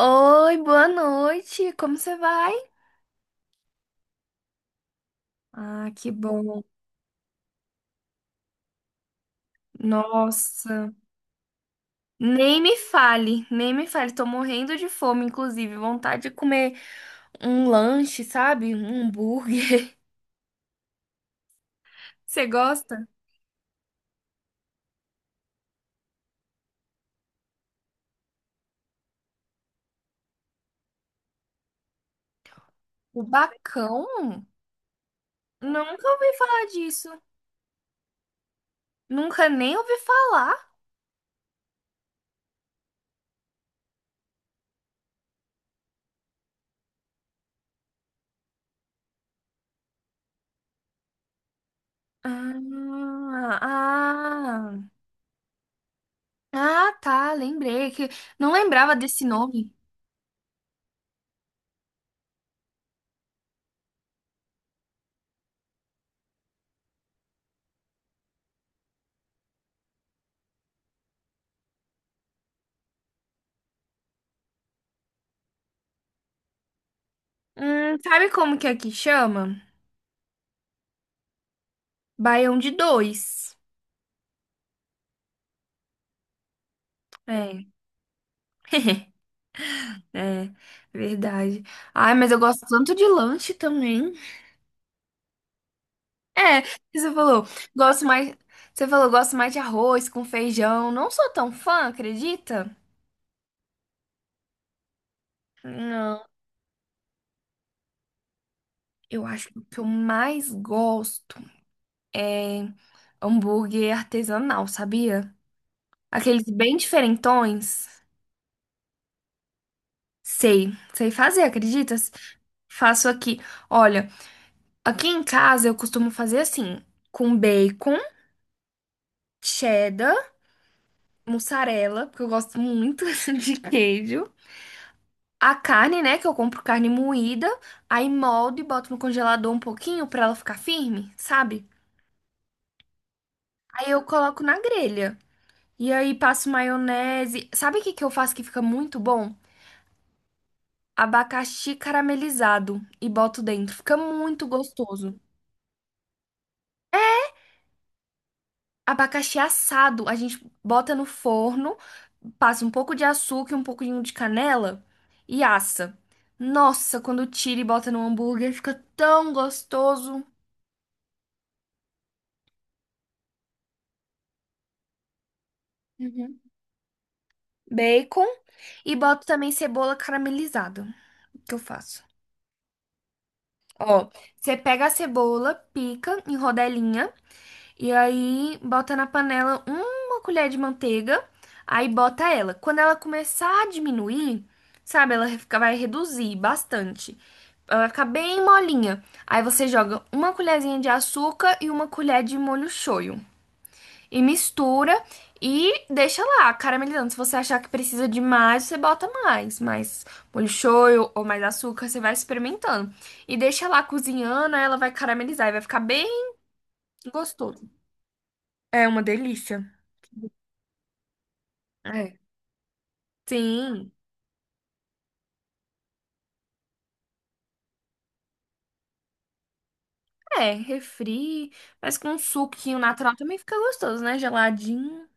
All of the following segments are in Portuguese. Oi, boa noite. Como você vai? Ah, que bom. Nossa. Nem me fale, nem me fale. Tô morrendo de fome, inclusive. Vontade de comer um lanche, sabe? Um hambúrguer. Você gosta? O bacão? Nunca ouvi falar disso. Nunca nem ouvi falar. Ah, ah, ah, tá. Lembrei que não lembrava desse nome. Sabe como que aqui chama? Baião de dois. É. É, verdade. Ai, mas eu gosto tanto de lanche também. É, você falou, gosto mais. Você falou, gosto mais de arroz com feijão. Não sou tão fã, acredita? Não, eu acho que o que eu mais gosto é hambúrguer artesanal, sabia? Aqueles bem diferentões. Sei, sei fazer, acreditas? Faço aqui. Olha, aqui em casa eu costumo fazer assim, com bacon, cheddar, mussarela, porque eu gosto muito de queijo. A carne, né, que eu compro carne moída, aí moldo e boto no congelador um pouquinho pra ela ficar firme, sabe? Aí eu coloco na grelha. E aí passo maionese. Sabe o que que eu faço que fica muito bom? Abacaxi caramelizado e boto dentro. Fica muito gostoso. Abacaxi assado, a gente bota no forno, passa um pouco de açúcar e um pouquinho de canela e assa. Nossa, quando tira e bota no hambúrguer, fica tão gostoso. Uhum. Bacon e boto também cebola caramelizada, que eu faço. Ó, você pega a cebola, pica em rodelinha. E aí bota na panela uma colher de manteiga, aí bota ela. Quando ela começar a diminuir, sabe, ela fica- vai reduzir bastante. Ela vai ficar bem molinha. Aí você joga uma colherzinha de açúcar e uma colher de molho shoyu. E mistura e deixa lá caramelizando. Se você achar que precisa de mais, você bota mais. Mais molho shoyu ou mais açúcar, você vai experimentando. E deixa lá cozinhando, aí ela vai caramelizar e vai ficar bem gostoso. É uma delícia. É. Sim. É, refri, mas com um suquinho natural também fica gostoso, né? Geladinho.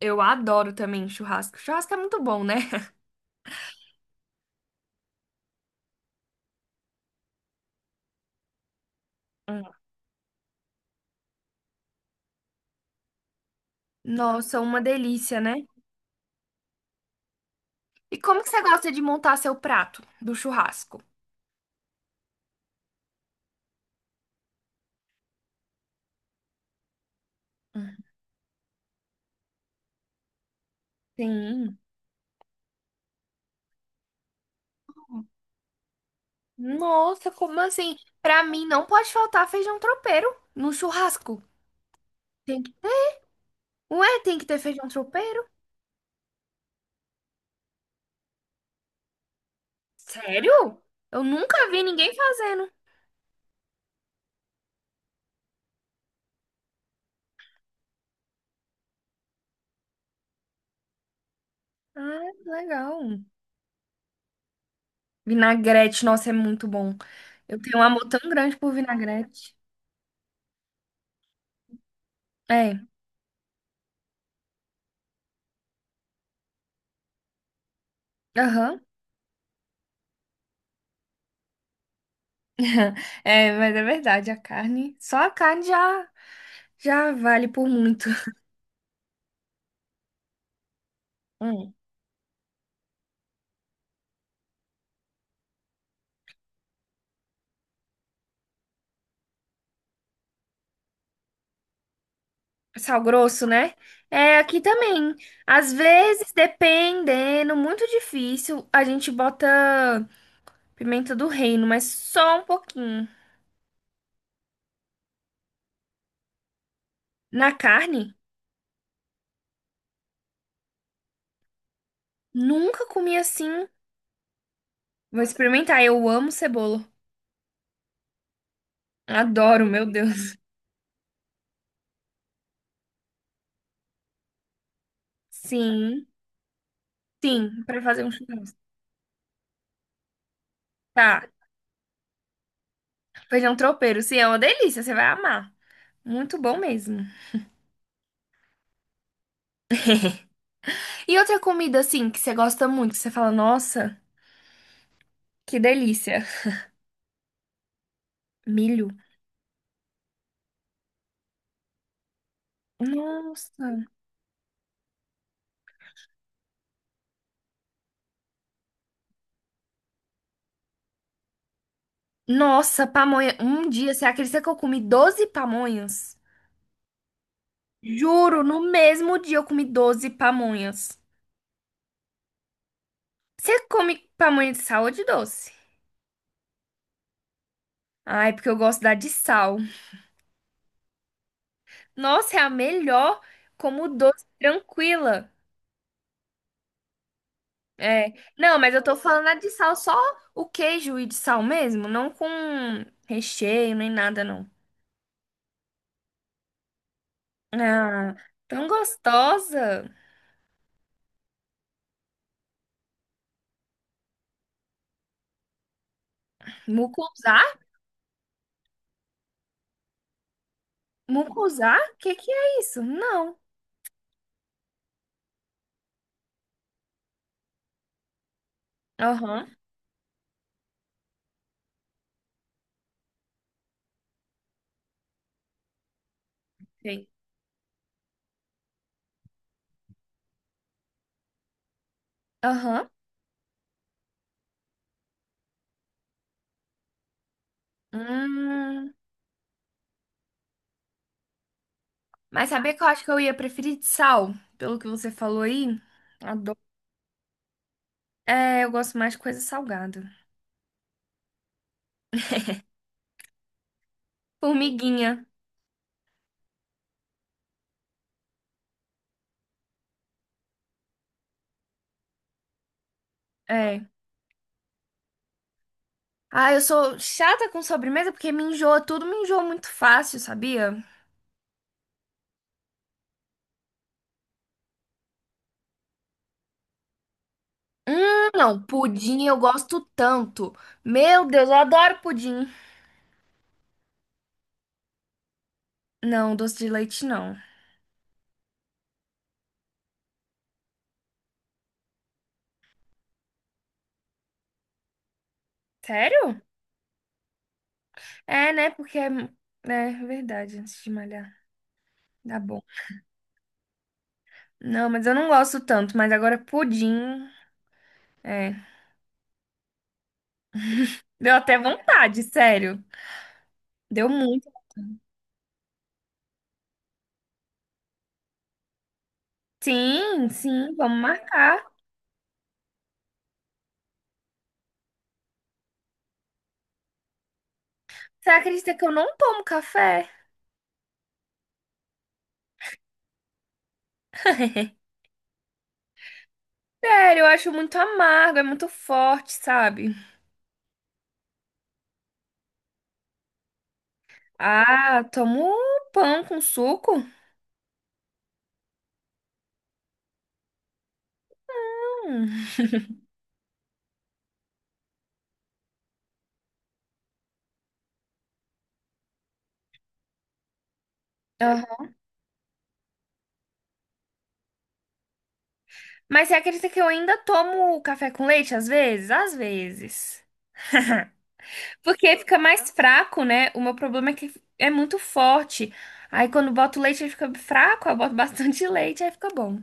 Eu adoro também churrasco. Churrasco é muito bom, né? Hum. Nossa, uma delícia, né? E como que você gosta de montar seu prato do churrasco? Hum. Sim. Nossa, como assim? Pra mim não pode faltar feijão tropeiro no churrasco. Tem que ter. Ué, tem que ter feijão tropeiro? Sério? Eu nunca vi ninguém fazendo. Ah, que legal. Vinagrete, nossa, é muito bom. Eu tenho um amor tão grande por vinagrete. É, aham. É, mas é verdade, a carne, só a carne já vale por muito. Hum, Sal grosso, né? É, aqui também. Às vezes, dependendo, muito difícil, a gente bota pimenta do reino, mas só um pouquinho. Na carne, nunca comi assim. Vou experimentar, eu amo cebola. Adoro, meu Deus. Sim. Sim, pra fazer um churrasco. Tá. Feijão tropeiro, sim, é uma delícia, você vai amar. Muito bom mesmo. E outra comida, assim, que você gosta muito, que você fala, nossa, que delícia. Milho. Nossa. Nossa, pamonha. Um dia, você acredita que eu comi 12 pamonhas? Juro, no mesmo dia eu comi 12 pamonhas. Você come pamonha de sal ou de doce? Ai, porque eu gosto da de sal. Nossa, é a melhor como doce tranquila. É. Não, mas eu tô falando a de sal, só o queijo e de sal mesmo, não com recheio nem nada, não. Ah, tão gostosa. Mucuzá? Mucuzá? O que que é isso? Não. Aham, sei. Aham. Hum, mas sabia que eu acho que eu ia preferir de sal, pelo que você falou aí? Adoro. É, eu gosto mais de coisa salgada. Formiguinha. É. Ah, eu sou chata com sobremesa porque me enjoa tudo, me enjoa muito fácil, sabia? Hum, não, pudim eu gosto tanto. Meu Deus, eu adoro pudim. Não, doce de leite não. Sério? É, né? Porque é, né, é verdade, antes de malhar. Dá bom. Não, mas eu não gosto tanto, mas agora pudim. É. Deu até vontade, sério. Deu muito. Sim, sim, vamos marcar. Você acredita que eu não tomo café? Sério, eu acho muito amargo, é muito forte, sabe? Ah, tomo pão com suco. Hum. Mas você acredita que eu ainda tomo café com leite às vezes? Às vezes. Porque fica mais fraco, né? O meu problema é que é muito forte. Aí quando boto leite ele fica fraco, aí eu boto bastante leite, aí fica bom.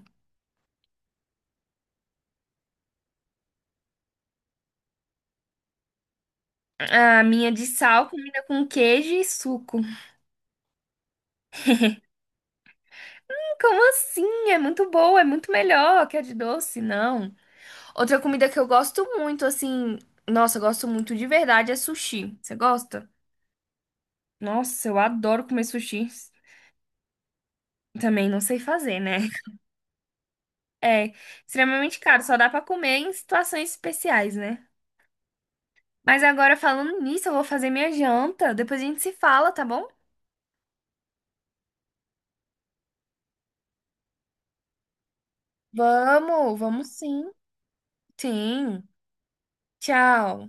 A minha de sal combina com queijo e suco. Como assim? É muito boa, é muito melhor que a de doce, não. Outra comida que eu gosto muito, assim, nossa, eu gosto muito de verdade é sushi. Você gosta? Nossa, eu adoro comer sushi. Também não sei fazer, né? É, extremamente caro, só dá pra comer em situações especiais, né? Mas agora falando nisso, eu vou fazer minha janta, depois a gente se fala, tá bom? Vamos, vamos sim. Sim. Tchau.